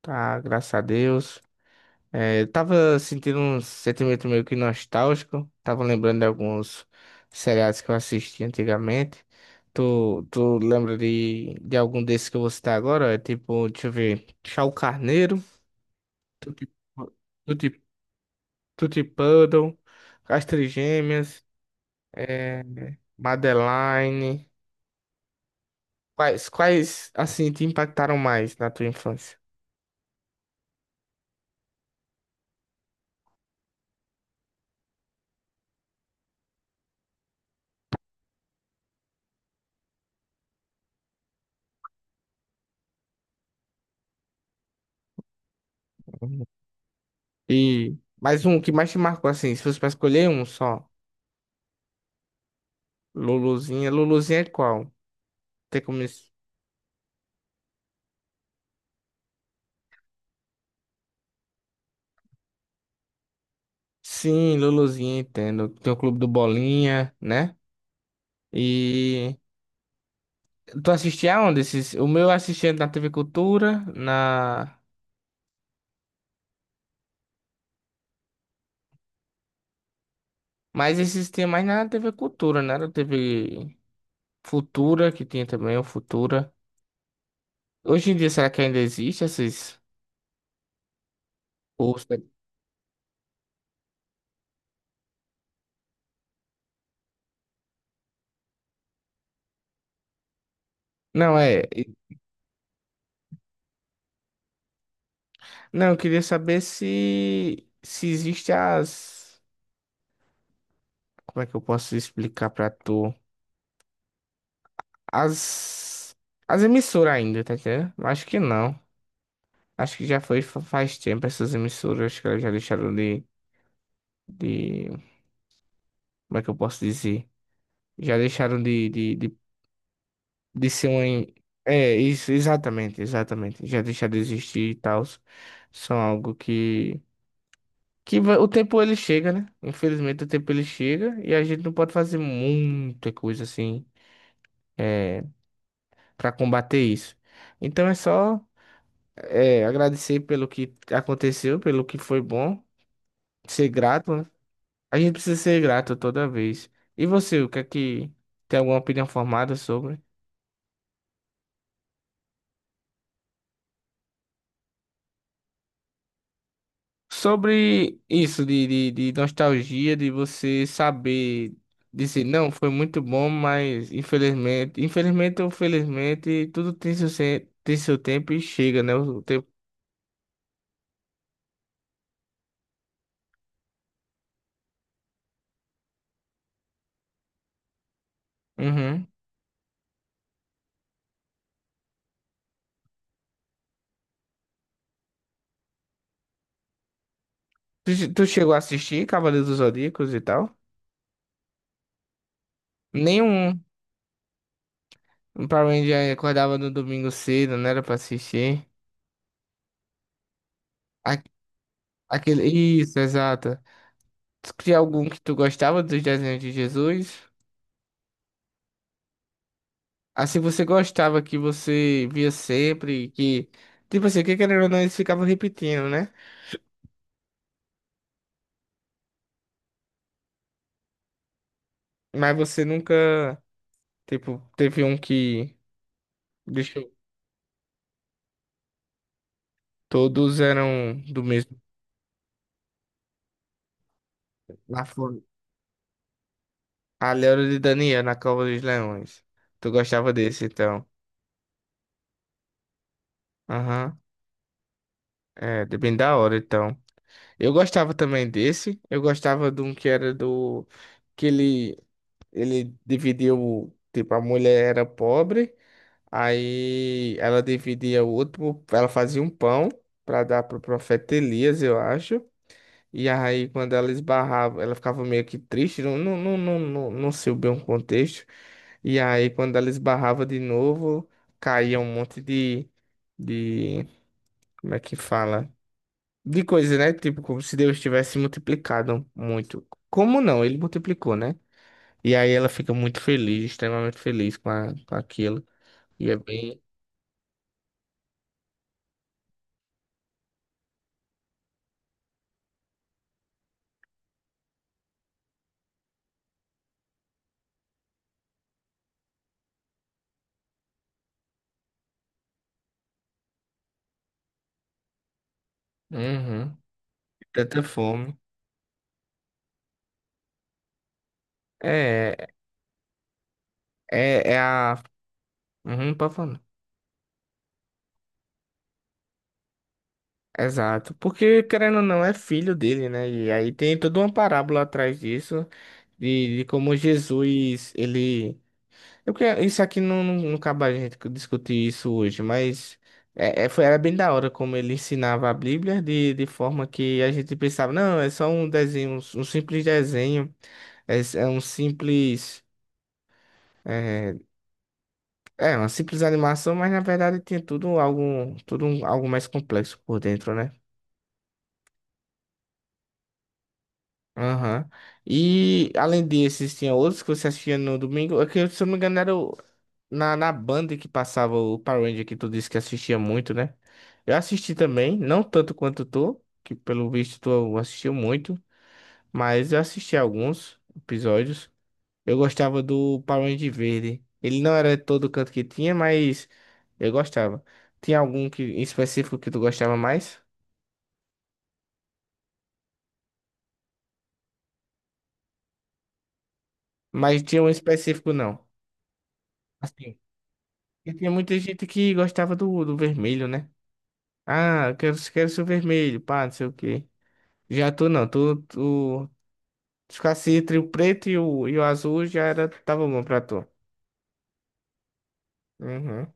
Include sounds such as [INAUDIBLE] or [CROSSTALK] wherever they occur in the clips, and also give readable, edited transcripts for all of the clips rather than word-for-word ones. Tá, graças a Deus. Eu tava sentindo um sentimento meio que nostálgico. Tava lembrando de alguns seriados que eu assisti antigamente. Tu lembra de algum desses que eu vou citar agora? É tipo, deixa eu ver. Chau Carneiro, Tutti, Tutti, Tutti Puddle, As Trigêmeas, é, Madeline. Quais, assim, te impactaram mais na tua infância? Uhum. E mais um que mais te marcou, assim, se fosse pra escolher um só. Luluzinha. Luluzinha é qual? Tem como... es- Sim, Luluzinha, entendo. Tem o Clube do Bolinha, né? E tu assistia aonde esses? O meu eu assistia na TV Cultura, na... Mas esses tinha mais na TV Cultura, né? Na TV Futura, que tinha também o Futura. Hoje em dia, será que ainda existe esses... ou se- Não, é... Não, eu queria saber se... Se existe as... Como é que eu posso explicar pra tu? As, as emissoras ainda, tá entendendo? Eu acho que não. Acho que já foi faz tempo essas emissoras. Acho que elas já deixaram de. Como é que eu posso dizer? Já deixaram de ser uma. É, isso, exatamente, exatamente. Já deixaram de existir e tal. São algo que. O tempo ele chega, né? Infelizmente o tempo ele chega e a gente não pode fazer muita coisa assim pra combater isso. Então é só. É, agradecer pelo que aconteceu, pelo que foi bom, ser grato, né? A gente precisa ser grato toda vez. E você, o que é que tem alguma opinião formada sobre? Sobre isso de nostalgia, de você saber dizer, não, foi muito bom, mas infelizmente, infelizmente ou felizmente, tudo tem seu, se- tem seu tempo e chega, né? O tempo. Uhum. Tu chegou a assistir Cavaleiros dos Zodíacos e tal? Nenhum. Um Power Ranger acordava no domingo cedo, não era pra assistir. A- Aquele... Isso, exato. Tu tinha algum que tu gostava dos desenhos de Jesus? Assim, você gostava que você via sempre, que... Tipo assim, que querendo ou não, eles ficavam repetindo, né? Mas você nunca, tipo, teve um que... Deixa eu... Todos eram do mesmo... Lá fora. A Leora de Daniel, na Cova dos Leões. Tu gostava desse, então. Aham. É, bem da hora, então. Eu gostava também desse. Eu gostava de um que era do. Que ele dividiu. Tipo, a mulher era pobre. Aí ela dividia o outro. Ela fazia um pão pra dar pro profeta Elias, eu acho. E aí, quando ela esbarrava, ela ficava meio que triste. Não, não, não, não, não, não sei bem o contexto. E aí, quando ela esbarrava de novo, caía um monte de. De. Como é que fala? De coisas, né? Tipo, como se Deus tivesse multiplicado muito. Como não? Ele multiplicou, né? E aí ela fica muito feliz, extremamente feliz com, com aquilo. E é bem. Uhum. Tanta fome. É, é a. Uhum, pode falar. Exato. Porque, querendo ou não, é filho dele, né? E aí tem toda uma parábola atrás disso, de como Jesus, ele. Eu que isso aqui não acaba a gente discutir isso hoje, mas foi, era bem da hora como ele ensinava a Bíblia de forma que a gente pensava, não, é só um desenho, um simples desenho, é um simples, é, é uma simples animação, mas na verdade tinha tudo algo, algo mais complexo por dentro, né? Aham. E além desses, tinha outros que você assistia no domingo, é que se eu não me engano na Band que passava o Power Ranger que tu disse que assistia muito, né? Eu assisti também, não tanto quanto tu, que pelo visto tu assistiu muito, mas eu assisti alguns episódios. Eu gostava do Power Ranger Verde. Ele não era todo canto que tinha, mas eu gostava. Tinha algum que, em específico que tu gostava mais? Mas tinha um específico não. Assim, porque tinha muita gente que gostava do vermelho, né? Ah, eu quero ser o vermelho, pá, não sei o quê. Já tu não, tu se ficasse entre o preto e o azul, já era, tava bom pra tu. Uhum.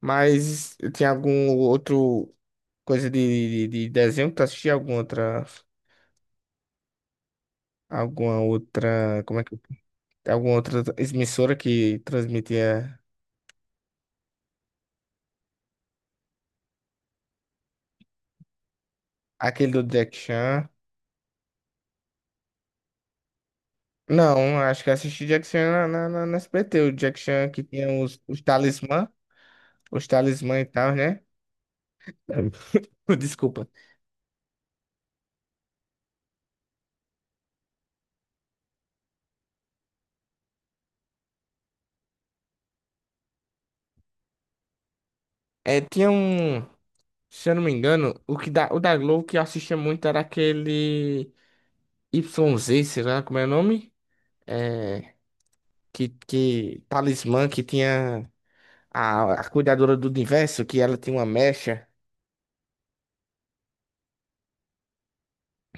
Mas tem algum outro coisa de desenho que tu assistia? Alguma outra, como é que, alguma outra emissora que transmitia aquele do Jack Chan? Não, acho que assisti Jack Chan na SBT, o Jack Chan que tinha os talismã e tal, né? É. [LAUGHS] Desculpa. É, tinha um. Se eu não me engano, o o da Globo que eu assistia muito era aquele Y Z, sei lá como é o nome? É, que talismã que tinha a cuidadora do universo, que ela tinha uma mecha,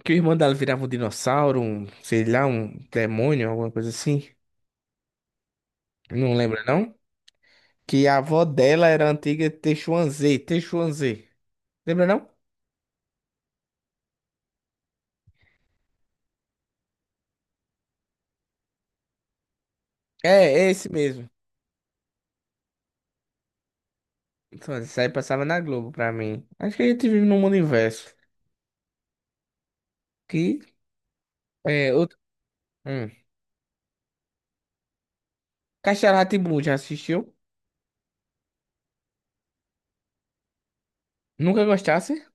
que o irmão dela virava um dinossauro, um, sei lá, um demônio, alguma coisa assim. Não lembra, não? Que a avó dela era a antiga Teixuanzê. Lembra, não? É, é esse mesmo. Então, isso aí passava na Globo pra mim. Acho que a gente vive num mundo inverso. Que é outro. Hum. Castelo Rá já assistiu? Nunca gostasse?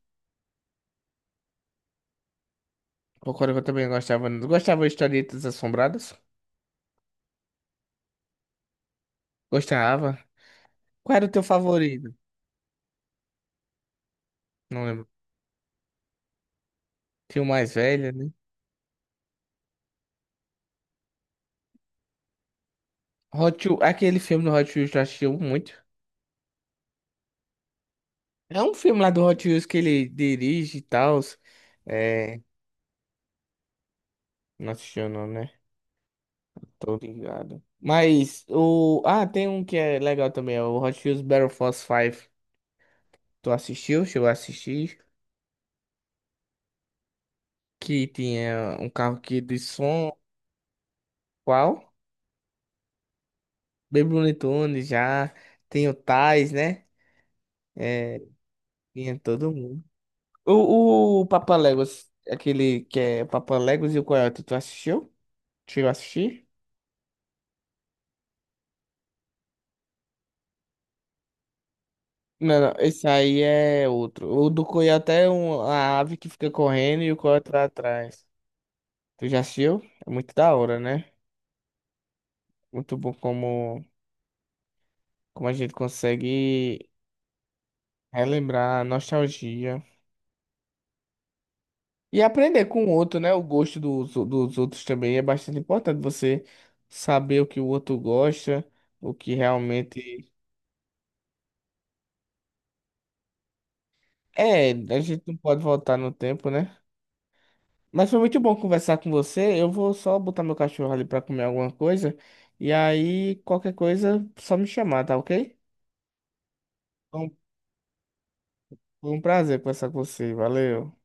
Concordo que eu também gostava. Gostava de Historietas Assombradas? Gostava. Qual era o teu favorito? Não lembro. Tinha o mais velho, né? Hot Wheels, aquele filme do Hot Wheels tu assistiu muito. É um filme lá do Hot Wheels que ele dirige e tal. É... Não assistiu não, né? Tô ligado. Mas o... Ah, tem um que é legal também. É o Hot Wheels Battle Force 5. Tu assistiu? Chegou a assistir? Que tinha um carro que de som... Qual? Baby Looney Tunes já. Tem o Tais, né? É, tinha todo mundo. O Papa Legos, aquele que é o Papa Legos e o Coyote, tu assistiu? Chegou a assistir? Não, não, esse aí é outro. O do Coyote é um, a ave que fica correndo e o Coyote lá atrás. Tu já assistiu? É muito da hora, né? Muito bom como, como a gente consegue relembrar a nostalgia. E aprender com o outro, né? O gosto dos outros também é bastante importante. Você saber o que o outro gosta, o que realmente. É, a gente não pode voltar no tempo, né? Mas foi muito bom conversar com você. Eu vou só botar meu cachorro ali pra comer alguma coisa. E aí, qualquer coisa, só me chamar, tá ok? Então, foi um prazer conversar com você. Valeu.